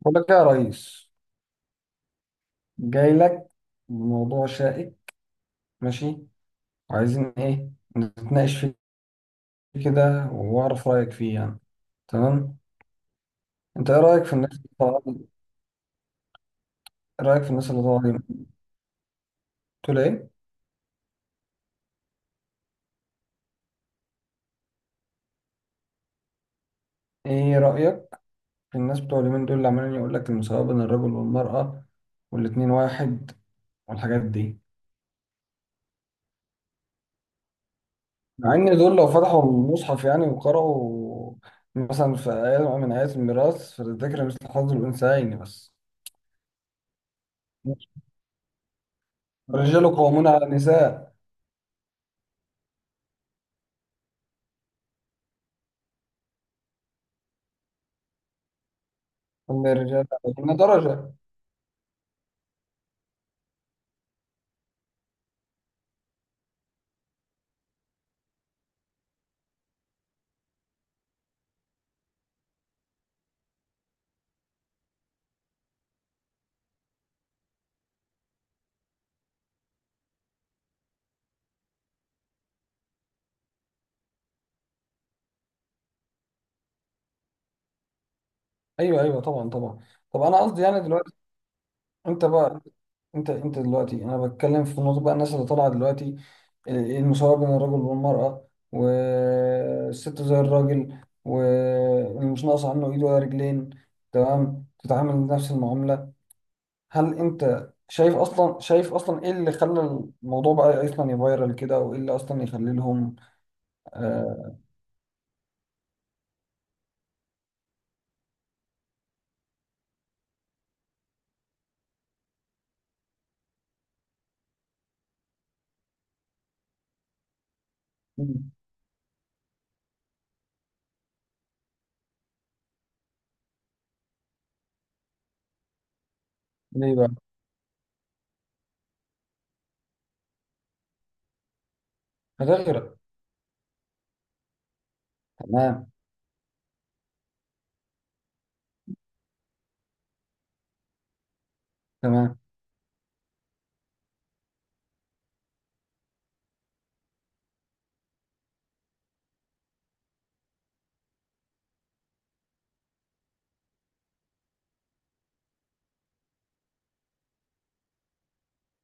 بقول لك يا ريس، جاي لك بموضوع شائك. ماشي. وعايزين ايه نتناقش فيه كده واعرف رايك فيه يعني. تمام. انت ايه رايك في الناس اللي طالعه دي؟ إيه رايك في الناس اللي طالعه دي؟ تقول ايه؟ ايه رايك في الناس بتوع اليومين دول اللي عمالين يقول لك المساواه بين الرجل والمراه، والاتنين واحد، والحاجات دي. مع ان دول لو فتحوا المصحف يعني وقرأوا، مثلا في آية من آيات الميراث: فللذكر مثل حظ الأنثيين. بس الرجال قوامون على النساء. من الرجال، إن درجة. أيوه أيوه، طبعا طبعا. طب أنا قصدي يعني دلوقتي، أنت بقى، أنت دلوقتي أنا بتكلم في نقطة بقى، الناس اللي طالعة دلوقتي، المساواة بين الرجل والمرأة، والست زي الراجل ومش ناقص عنه إيد ولا رجلين، تمام، تتعامل نفس المعاملة. هل أنت شايف أصلا، شايف أصلا إيه اللي خلى الموضوع بقى أصلا يفايرال كده، وإيه اللي أصلا يخلي لهم؟ آه ليه بقى؟ هتغرق. تمام. تمام.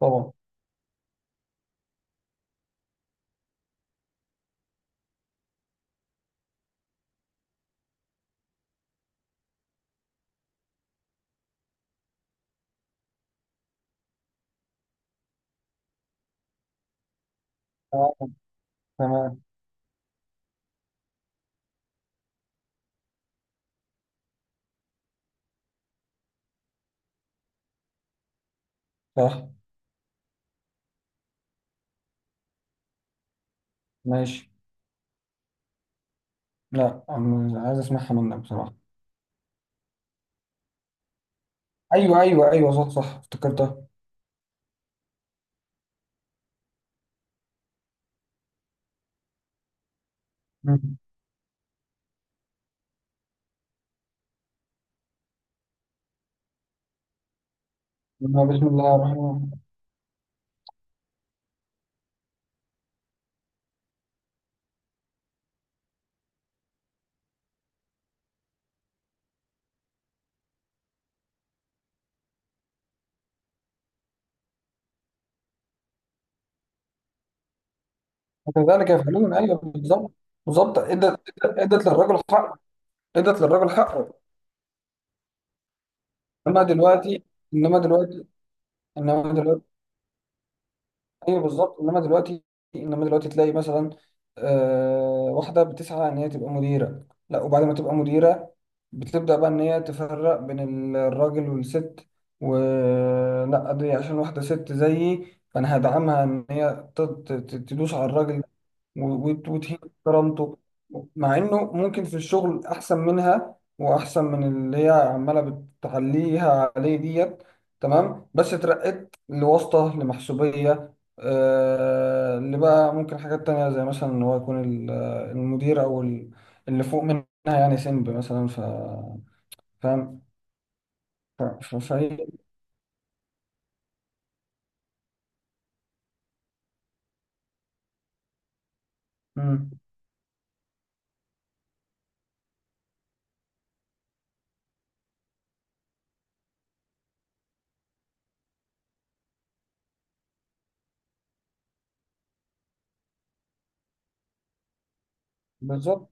طبعا. تمام. صح. ماشي. لا، أنا عايز اسمعها منك بصراحة. ايوه ايوه ايوه، صوت صح، افتكرتها. مم. بسم الله الرحمن الرحيم. وكذلك يفعلون، ايوه بالظبط. بالظبط، ادت، ادت للرجل حقه، ادت للرجل حقه. انما دلوقتي، انما دلوقتي، انما دلوقتي. ايوه بالظبط، انما دلوقتي، انما دلوقتي تلاقي مثلا واحده بتسعى ان هي تبقى مديره، لا وبعد ما تبقى مديره بتبدا بقى ان هي تفرق بين الراجل والست، ولا دي عشان واحده ست زيي فانا هدعمها ان هي تدوس على الراجل وتهين كرامته، مع انه ممكن في الشغل احسن منها واحسن من اللي هي عماله بتعليها عليه ديت. تمام، بس اترقيت لواسطه لمحسوبيه. آه اللي بقى ممكن حاجات تانية، زي مثلا ان هو يكون المدير، او اللي فوق منها يعني، سنب مثلا، فاهم؟ ف- ف- فهي- مم، بالظبط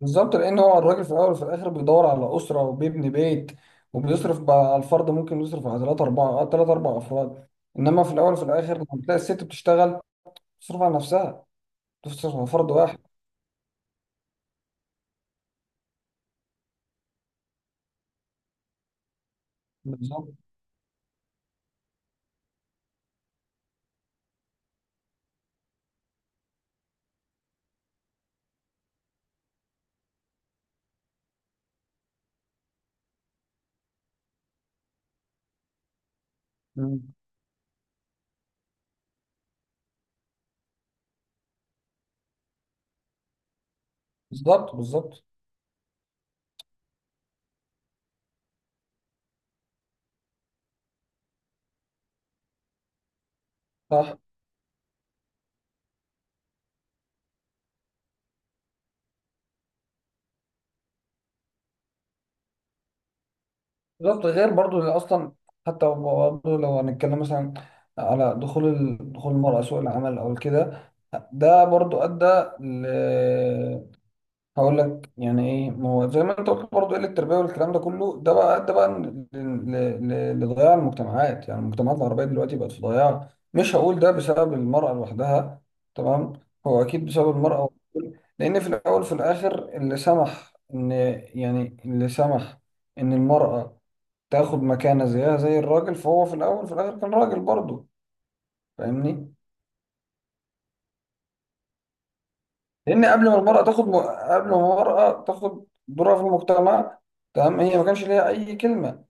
بالظبط. لان هو الراجل في الاول وفي الاخر بيدور على اسره وبيبني بيت وبيصرف بقى على الفرد، ممكن يصرف على ثلاثة اربعة، ثلاث اربع افراد. انما في الاول وفي الاخر لما بتلاقي الست بتشتغل، بتصرف على نفسها، بتصرف على فرد واحد. بالظبط. مم. بالظبط بالظبط. صح. بالظبط. غير برضو اللي اصلا، حتى برضو لو هنتكلم مثلا على دخول دخول المرأة سوق العمل او كده، ده برضو ادى. هقول لك يعني ايه، ما هو زي ما انت قلت برضه، قله التربيه والكلام ده كله، ده بقى ده بقى لضياع المجتمعات. يعني المجتمعات العربيه دلوقتي بقت في ضياع. مش هقول ده بسبب المراه لوحدها، تمام، هو اكيد بسبب المراه. لان في الاول وفي الاخر اللي سمح ان، يعني اللي سمح ان المراه تاخد مكانه زيها زي الراجل، فهو في الاول وفي الاخر كان راجل برضه، فاهمني. لان قبل ما المراه تاخد قبل ما المراه تاخد دورها في المجتمع، تمام، هي ما كانش ليها اي كلمه.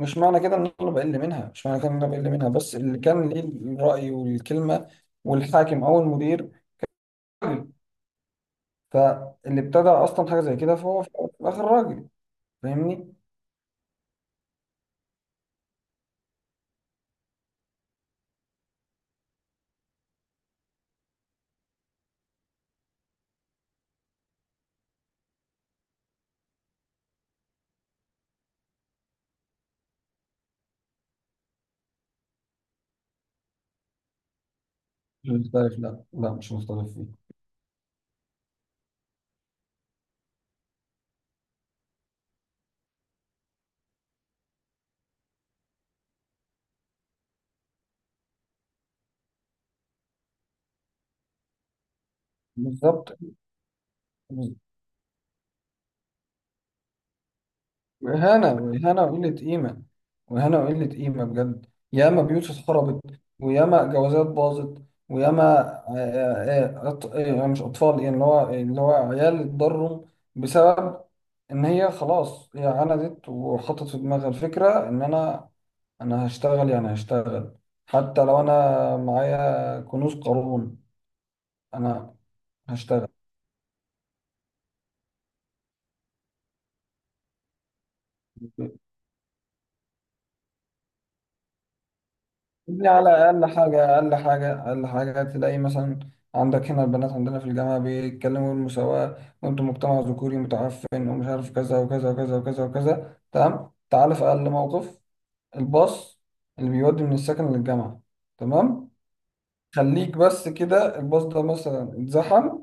مش معنى كده ان انا بقل منها، مش معنى كده ان انا بقل منها، بس اللي كان ليه الراي والكلمه والحاكم او المدير راجل. فاللي ابتدى اصلا حاجه زي كده فهو في الاخر راجل، فاهمني. مش مختلف، لا، مش مختلف فيه. بالظبط. إهانة وإهانة وقلة قيمة، وإهانة وقلة قيمة بجد. ياما بيوت اتخربت، وياما جوازات باظت، وياما آه، آه، آه، أط... آه، يعني مش أطفال، يعني اللي هو اللي هو عيال اتضروا بسبب إن هي خلاص هي عندت وحطت في دماغها الفكرة إن أنا، أنا هشتغل، يعني هشتغل حتى لو أنا معايا كنوز قارون، أنا هشتغل. دي على أقل حاجة، أقل حاجة، أقل حاجة، تلاقي مثلا عندك هنا البنات عندنا في الجامعة بيتكلموا المساواة وأنتم مجتمع ذكوري متعفن ومش عارف كذا وكذا وكذا وكذا وكذا. تمام، تعال في أقل موقف، الباص اللي بيودي من السكن للجامعة، تمام، خليك بس كده، الباص ده مثلا اتزحم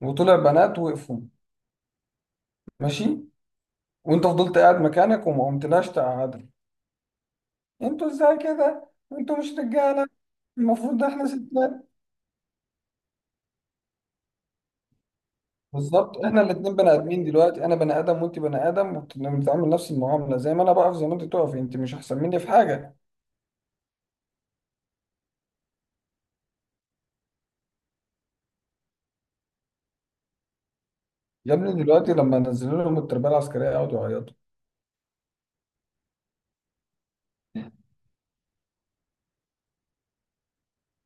وطلع بنات وقفوا، ماشي، وأنت فضلت قاعد مكانك وما قمتلاش تقعدك، أنتوا إزاي كده؟ أنتوا مش رجالة؟ المفروض ده. إحنا ستات. بالظبط، احنا الاتنين بني ادمين دلوقتي، انا بني ادم وانت بني ادم، وبنتعامل نفس المعامله، زي ما انا بقف زي ما انت تقف، انت مش احسن مني في حاجه. يا ابني دلوقتي لما نزلوا لهم التربيه العسكريه يقعدوا يعيطوا.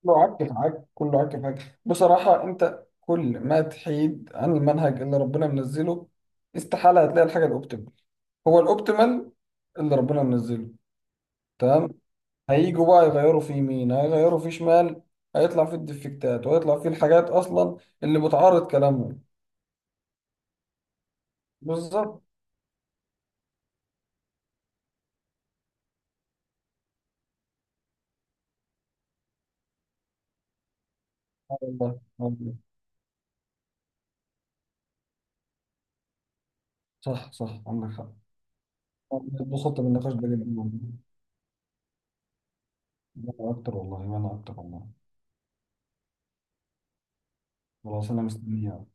كله عك في عك، كله عك في عك بصراحه. انت كل ما تحيد عن المنهج اللي ربنا منزله، استحاله هتلاقي الحاجه الاوبتيمال. هو الاوبتيمال اللي ربنا منزله. تمام. هيجوا بقى يغيروا في يمين، هيغيروا في شمال، هيطلع في الديفكتات، وهيطلع في الحاجات اصلا اللي بتعارض كلامهم. بالظبط. آه والله، آه والله. صح صح، عندك حق. بخطة بالنقاش ده جدا والله. أنا أكتر والله، وأنا أكتر والله. خلاص، أنا مستني.